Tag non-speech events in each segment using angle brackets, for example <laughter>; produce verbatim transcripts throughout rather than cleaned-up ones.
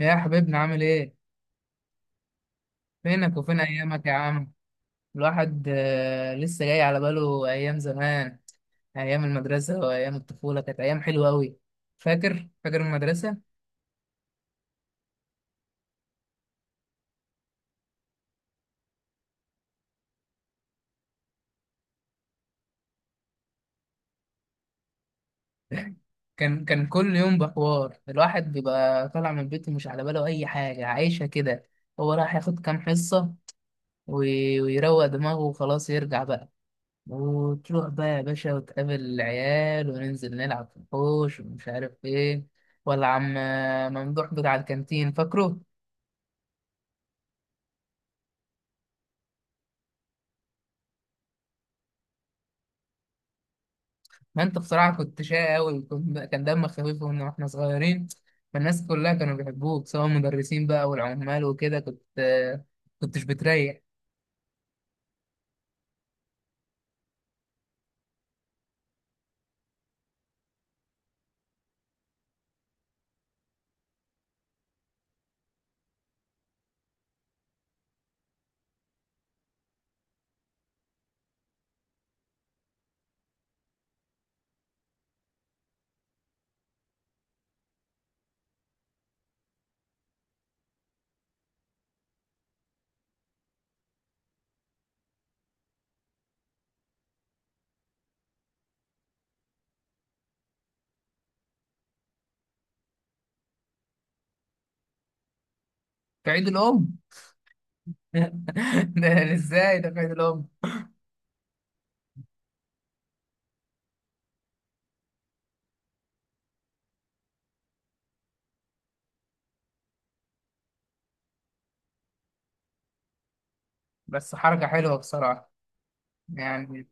يا حبيبنا عامل ايه؟ فينك وفين ايامك يا عم؟ الواحد آه، لسه جاي على باله ايام زمان. ايام المدرسة وايام الطفولة كانت ايام حلوة قوي. فاكر فاكر المدرسة؟ كان كان كل يوم بحوار، الواحد بيبقى طالع من بيته مش على باله اي حاجة، عايشة كده. هو راح ياخد كام حصة وي- ويروق دماغه وخلاص يرجع بقى. وتروح بقى يا باشا وتقابل العيال وننزل نلعب في الحوش ومش عارف ايه. ولا عم ممدوح بتاع الكانتين فاكره؟ ما انت بصراحة كنت شقي أوي، كنت كان دمك خفيف، وإن واحنا صغيرين، فالناس كلها كانوا بيحبوك سواء المدرسين بقى والعمال وكده، كنت كنتش بتريح. في عيد الأم؟ <laughs> ده ازاي ده في عيد الأم؟ بس حركة حلوة بصراحة، يعني.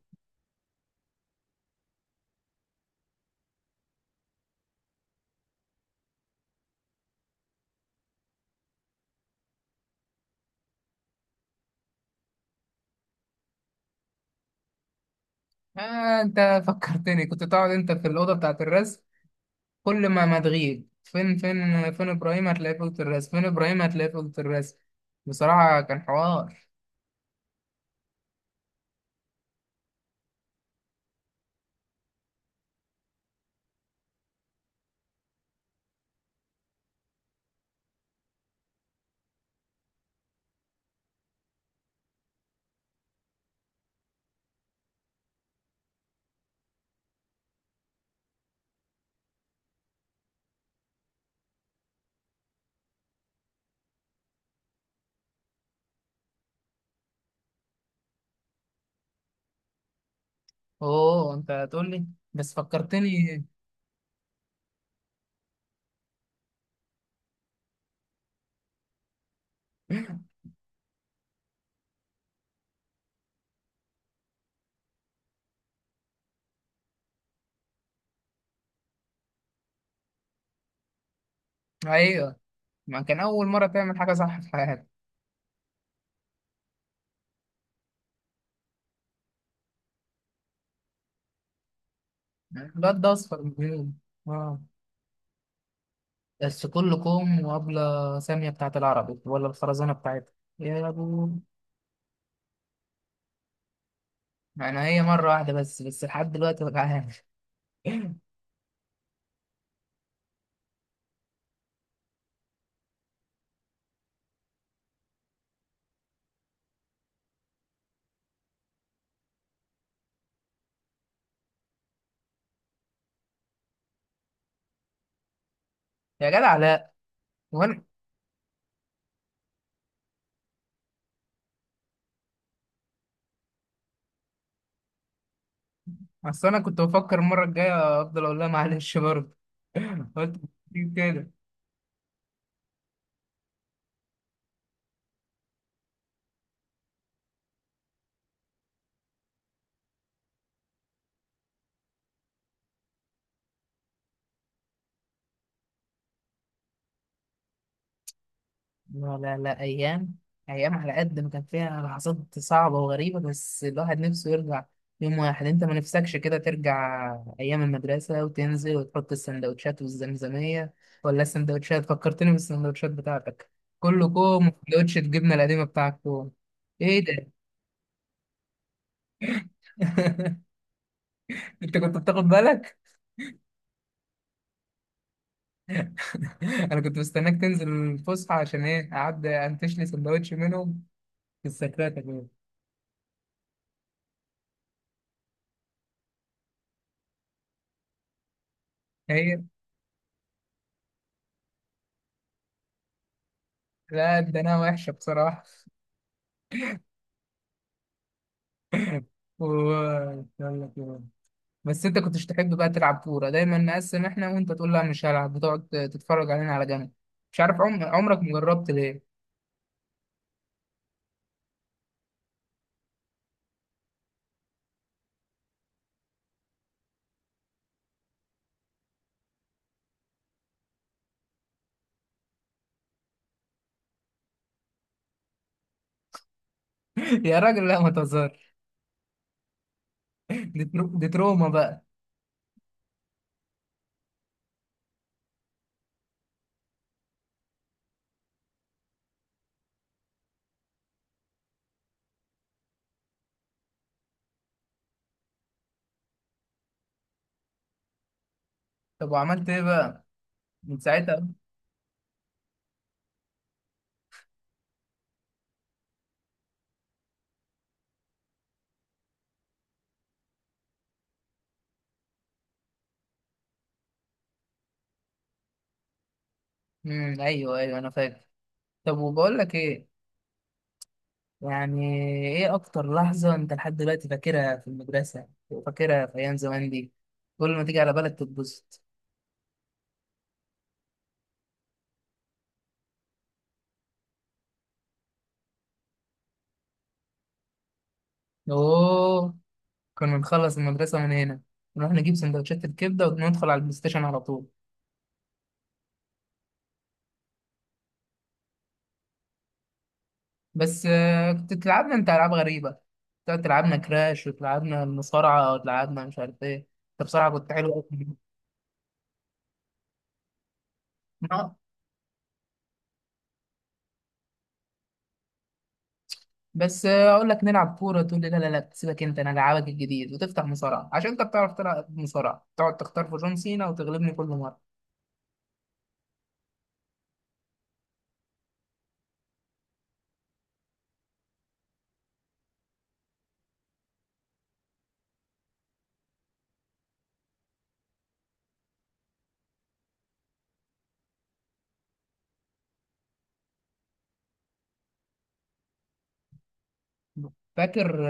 آه، انت فكرتني، كنت تقعد انت في الأوضة بتاعة الرسم، كل ما ما تغيب، فين فين فين إبراهيم؟ هتلاقيه في أوضة الرسم. فين إبراهيم؟ هتلاقيه في أوضة الرسم. بصراحة كان حوار. أوه انت هتقول لي، بس فكرتني. <laughs> ايوه. ما كان اول مره تعمل حاجه صح في حياتك. الواد ده اصفر من اليوم. اه. بس كلكم وابله ساميه بتاعت العربي ولا الخرزانه بتاعتها يا ابو. انا هي مره واحده بس بس لحد دلوقتي وجعان. <laughs> يا جدع لا. وانا اصل انا كنت بفكر المره الجايه افضل اقول لها معلش برضه. <laughs> قلت كده. لا لا لا، أيام. أيام، على قد ما كان فيها لحظات صعبة وغريبة، بس الواحد نفسه يرجع. يوم واحد أنت ما نفسكش كده ترجع؟ أيام المدرسة، وتنزل وتحط السندوتشات والزمزمية. ولا السندوتشات، فكرتني بالسندوتشات بتاعتك. كله كوم وسندوتش الجبنة القديمة بتاعك كوم. إيه ده؟ <laughs> أنت كنت بتاخد بالك؟ <laughs> أنا كنت مستناك تنزل الفسحة عشان إيه، أعدي أنتش لي سندوتش منهم. في السكرات يا جماعة. هي، لا ده أنا وحشة بصراحة. ويلا كده. بس انت كنتش تحب بقى تلعب كورة، دايما نقسم احنا وانت تقول لا مش هلعب، بتقعد تتفرج علينا على جنب. مش عارف عم... عمرك مجربت ليه. <laughs> يا راجل لا ما تهزرش. دي, ترو... دي تروما بقى. طب وعملت ايه بقى من ساعتها؟ امم ايوه ايوه انا فاكر. طب وبقول لك ايه، يعني، ايه اكتر لحظة انت لحد دلوقتي فاكرها في المدرسة وفاكرها في ايام زمان دي، كل ما تيجي على بالك تتبسط؟ اوه، كنا نخلص المدرسة من هنا، نروح نجيب سندوتشات الكبدة وندخل على البلاي ستيشن على طول. بس آه، كنت تلعبنا انت ألعاب غريبة، كنت تلعبنا كراش وتلعبنا المصارعة وتلعبنا مش عارف ايه. انت بصراحة كنت حلو أوي. آه، بس آه، أقول لك نلعب كورة تقول لي لا لا لا سيبك أنت، أنا ألعبك الجديد، وتفتح مصارعة عشان أنت بتعرف تلعب مصارعة، تقعد تختار في جون سينا وتغلبني كل مرة. فاكر؟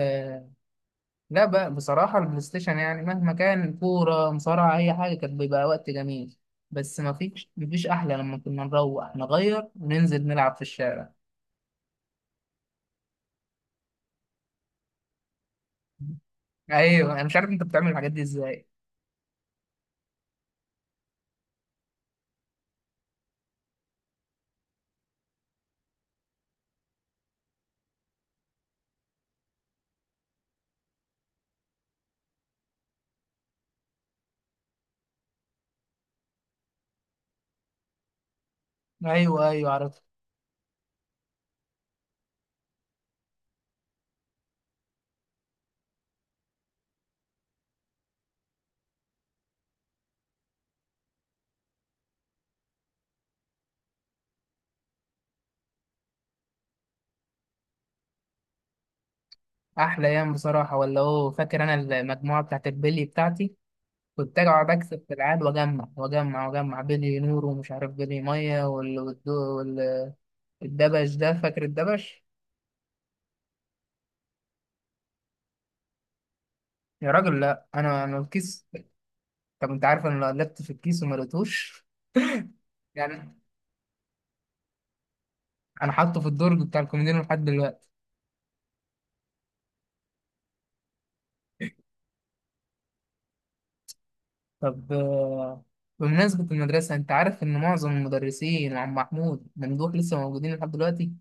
لا بقى بصراحة، البلاي ستيشن يعني مهما كان كورة مصارعة أي حاجة كان بيبقى وقت جميل. بس ما فيش مفيش أحلى لما كنا نروح نغير وننزل نلعب في الشارع. أيوه، أنا مش عارف أنت بتعمل الحاجات دي إزاي. أيوه أيوه عرفت. أحلى أيام بصراحة. ولا هو فاكر أنا المجموعة بتاعت البلي بتاعتي؟ كنت أجي أقعد أكسب في العاب وأجمع وأجمع وأجمع بلي نور ومش عارف بلي مية وال- والدو- وال- والدبش ده، فاكر الدبش؟ يا راجل لا، أنا أنا الكيس. طب أنت عارف أنا لو قلبت في الكيس وما لقيتوش، يعني. انا حاطه في الدرج بتاع الكوميديان لحد دلوقتي. طب آه، بمناسبة المدرسة، انت عارف ان معظم المدرسين وعم محمود ممدوح لسه موجودين لحد دلوقتي؟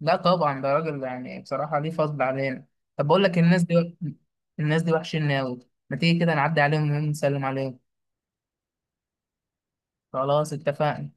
لا طبعا ده راجل يعني بصراحة ليه فضل علينا. طب بقول لك، الناس دي، الناس دي وحشين قوي، ما تيجي كده نعدي عليهم ونسلم عليهم. خلاص اتفقنا.